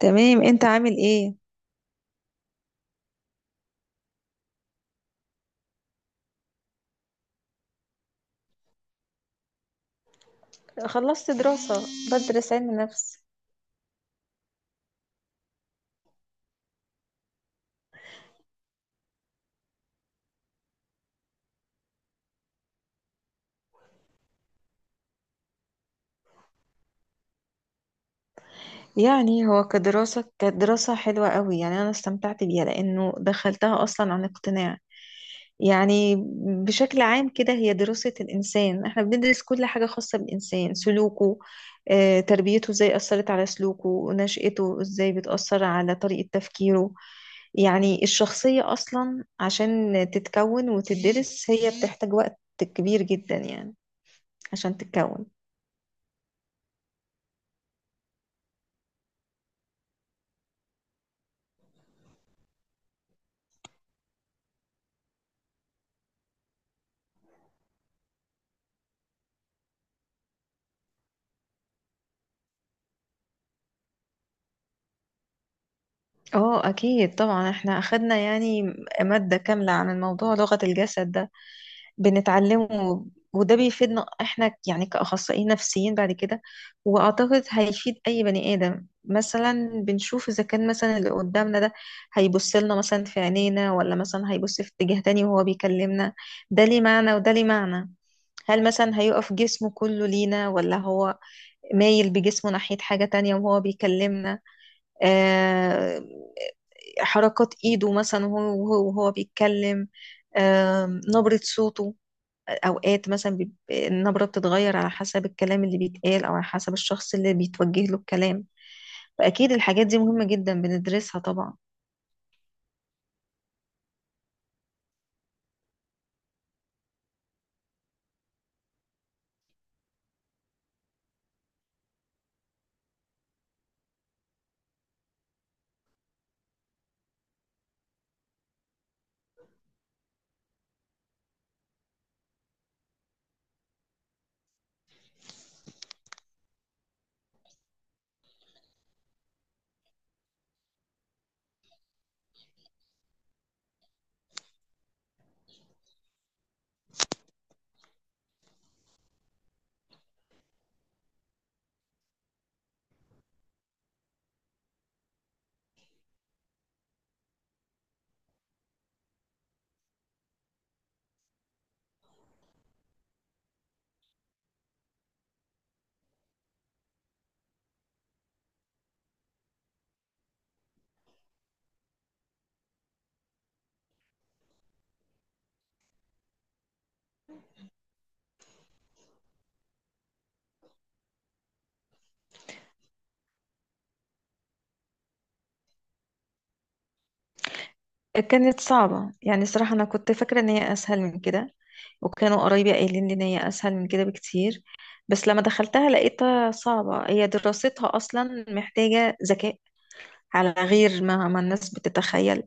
تمام، انت عامل ايه؟ خلصت دراسة. بدرس علم نفس. يعني هو كدراسة كانت دراسة حلوة قوي، يعني انا استمتعت بيها لانه دخلتها اصلا عن اقتناع. يعني بشكل عام كده هي دراسة الانسان، احنا بندرس كل حاجة خاصة بالانسان، سلوكه، تربيته ازاي اثرت على سلوكه، ونشأته ازاي بتأثر على طريقة تفكيره. يعني الشخصية اصلا عشان تتكون وتدرس هي بتحتاج وقت كبير جدا يعني عشان تتكون. اه اكيد طبعا، احنا اخدنا يعني مادة كاملة عن الموضوع، لغة الجسد ده بنتعلمه، وده بيفيدنا احنا يعني كأخصائيين نفسيين بعد كده. واعتقد هيفيد اي بني ادم. مثلا بنشوف اذا كان مثلا اللي قدامنا ده هيبص لنا مثلا في عينينا، ولا مثلا هيبص في اتجاه تاني وهو بيكلمنا، ده ليه معنى وده ليه معنى. هل مثلا هيقف جسمه كله لينا، ولا هو مايل بجسمه ناحية حاجة تانية وهو بيكلمنا؟ آه، حركات ايده مثلا وهو وهو بيتكلم. نبرة صوته اوقات مثلا النبرة بتتغير على حسب الكلام اللي بيتقال، او على حسب الشخص اللي بيتوجه له الكلام. فاكيد الحاجات دي مهمة جدا بندرسها طبعا. كانت صعبة، يعني صراحة انا كنت فاكرة ان هي اسهل من كده، وكانوا قرايبي قايلين لي ان هي اسهل من كده بكتير، بس لما دخلتها لقيتها صعبة. هي دراستها اصلا محتاجة ذكاء، على غير ما الناس بتتخيل.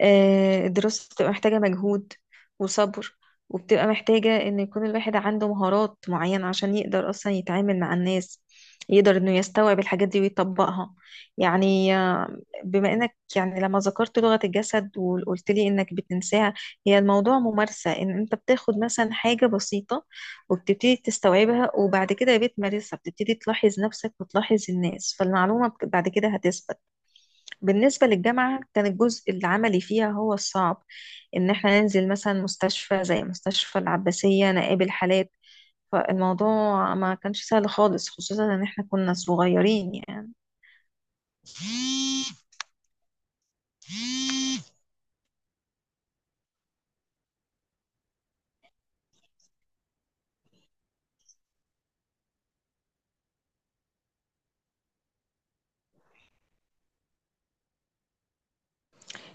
الدراسة بتبقى محتاجة مجهود وصبر، وبتبقى محتاجة إن يكون الواحد عنده مهارات معينة، عشان يقدر أصلا يتعامل مع الناس، يقدر إنه يستوعب الحاجات دي ويطبقها. يعني بما إنك يعني لما ذكرت لغة الجسد وقلت لي إنك بتنساها، هي الموضوع ممارسة. إن أنت بتاخد مثلا حاجة بسيطة وبتبتدي تستوعبها، وبعد كده بتمارسها، بتبتدي تلاحظ نفسك وتلاحظ الناس، فالمعلومة بعد كده هتثبت. بالنسبة للجامعة، كان الجزء العملي فيها هو الصعب، إن إحنا ننزل مثلا مستشفى زي مستشفى العباسية نقابل حالات. فالموضوع ما كانش سهل خالص، خصوصا إن إحنا كنا صغيرين يعني.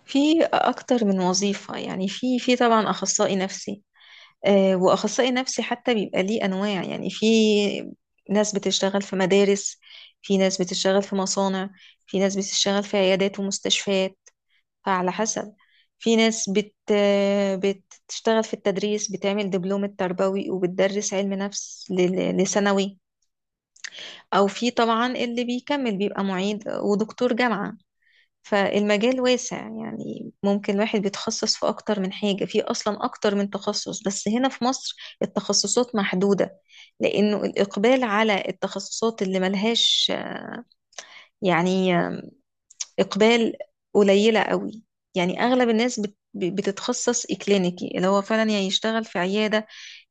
في أكتر من وظيفة يعني، في طبعا أخصائي نفسي. وأخصائي نفسي حتى بيبقى ليه أنواع. يعني في ناس بتشتغل في مدارس، في ناس بتشتغل في مصانع، في ناس بتشتغل في عيادات ومستشفيات، فعلى حسب. في ناس بتشتغل في التدريس، بتعمل دبلوم التربوي وبتدرس علم نفس لثانوي. أو في طبعا اللي بيكمل بيبقى معيد ودكتور جامعة. فالمجال واسع، يعني ممكن الواحد بيتخصص في أكتر من حاجة، في أصلا أكتر من تخصص، بس هنا في مصر التخصصات محدودة، لأنه الإقبال على التخصصات اللي ملهاش يعني إقبال قليلة قوي. يعني أغلب الناس بتتخصص إكلينيكي، اللي هو فعلا يا يشتغل في عيادة،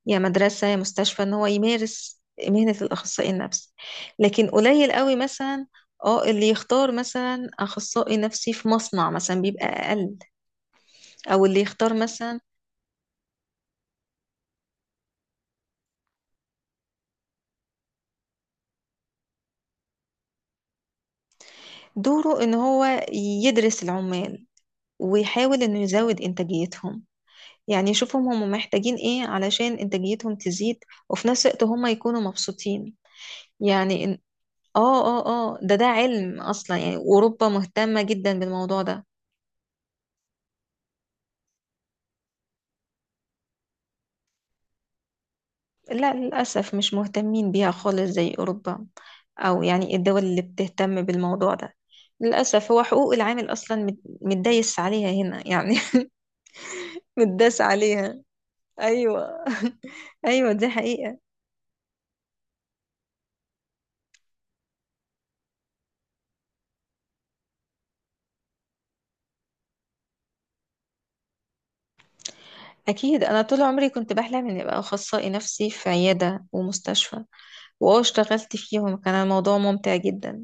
يا مدرسة، يا مستشفى، إن هو يمارس مهنة الأخصائي النفسي. لكن قليل قوي مثلا اه اللي يختار مثلا أخصائي نفسي في مصنع، مثلا بيبقى أقل. أو اللي يختار مثلا دوره إن هو يدرس العمال ويحاول إنه يزود إنتاجيتهم، يعني يشوفهم هم محتاجين إيه علشان إنتاجيتهم تزيد، وفي نفس الوقت هم يكونوا مبسوطين. يعني اه اه اه ده علم اصلا، يعني اوروبا مهتمة جدا بالموضوع ده. لا للأسف مش مهتمين بيها خالص زي اوروبا، او يعني الدول اللي بتهتم بالموضوع ده. للأسف هو حقوق العامل اصلا متدايس عليها هنا يعني. متداس عليها، ايوه ايوه، دي حقيقة. اكيد انا طول عمري كنت بحلم اني ابقى اخصائي نفسي في عيادة ومستشفى، واه اشتغلت فيهم، كان الموضوع ممتع جدا.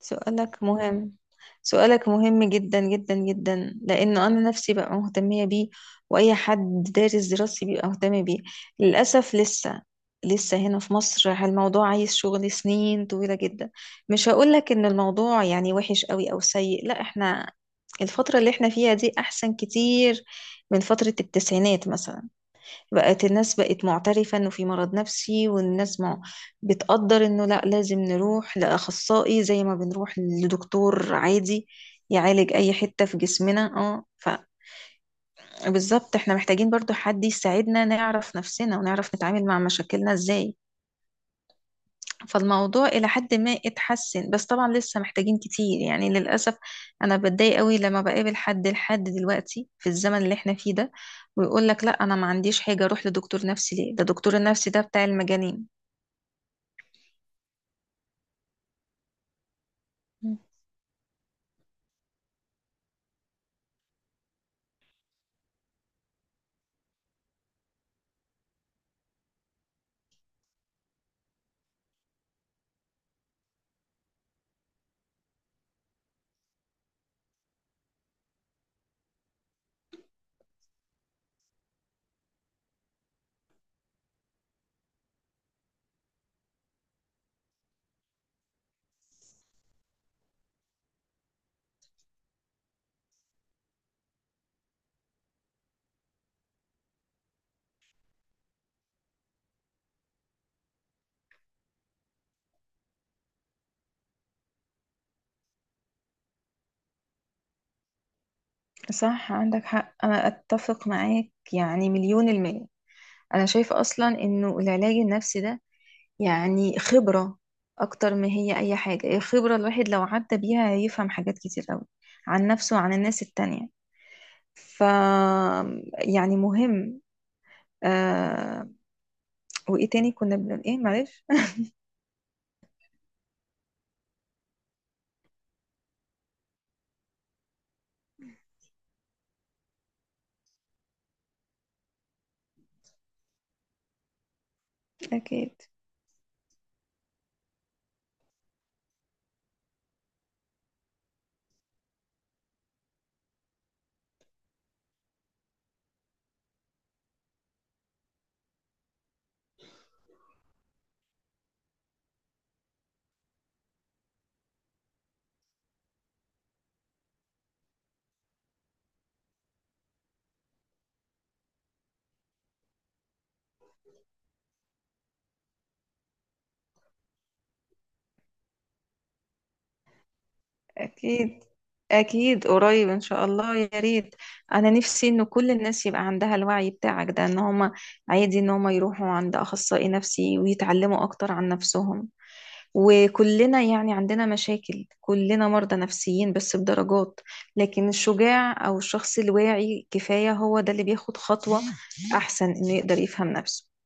سؤالك مهم، سؤالك مهم جدا جدا جدا، لأنه أنا نفسي بقى مهتمية بيه، وأي حد دارس دراستي بيبقى مهتم بيه. للأسف لسه هنا في مصر الموضوع عايز شغل سنين طويلة جدا. مش هقولك إن الموضوع يعني وحش قوي أو سيء، لا، إحنا الفترة اللي إحنا فيها دي أحسن كتير من فترة الـ90 مثلا. بقت الناس بقت معترفة انه في مرض نفسي، والناس مع... بتقدر انه لا، لازم نروح لأخصائي زي ما بنروح لدكتور عادي يعالج اي حتة في جسمنا اه. فبالظبط احنا محتاجين برضو حد يساعدنا نعرف نفسنا ونعرف نتعامل مع مشاكلنا ازاي. فالموضوع إلى حد ما اتحسن، بس طبعا لسه محتاجين كتير يعني للأسف. أنا بتضايق قوي لما بقابل حد لحد دلوقتي في الزمن اللي احنا فيه ده، ويقول لك لا أنا ما عنديش حاجة أروح لدكتور نفسي ليه، ده دكتور النفسي ده بتاع المجانين. صح، عندك حق، أنا أتفق معاك يعني مليون المية. أنا شايفة أصلا إنه العلاج النفسي ده يعني خبرة، أكتر ما هي أي حاجة. الخبرة الواحد لو عدى بيها هيفهم حاجات كتير أوي عن نفسه وعن الناس التانية. ف يعني مهم آه. وايه تاني كنا بنقول ايه، معلش. اكيد، اكيد اكيد قريب ان شاء الله، يا ريت. انا نفسي ان كل الناس يبقى عندها الوعي بتاعك ده، ان هما عادي ان هما يروحوا عند اخصائي نفسي ويتعلموا اكتر عن نفسهم. وكلنا يعني عندنا مشاكل، كلنا مرضى نفسيين بس بدرجات. لكن الشجاع او الشخص الواعي كفاية هو ده اللي بياخد خطوة، احسن انه يقدر يفهم نفسه.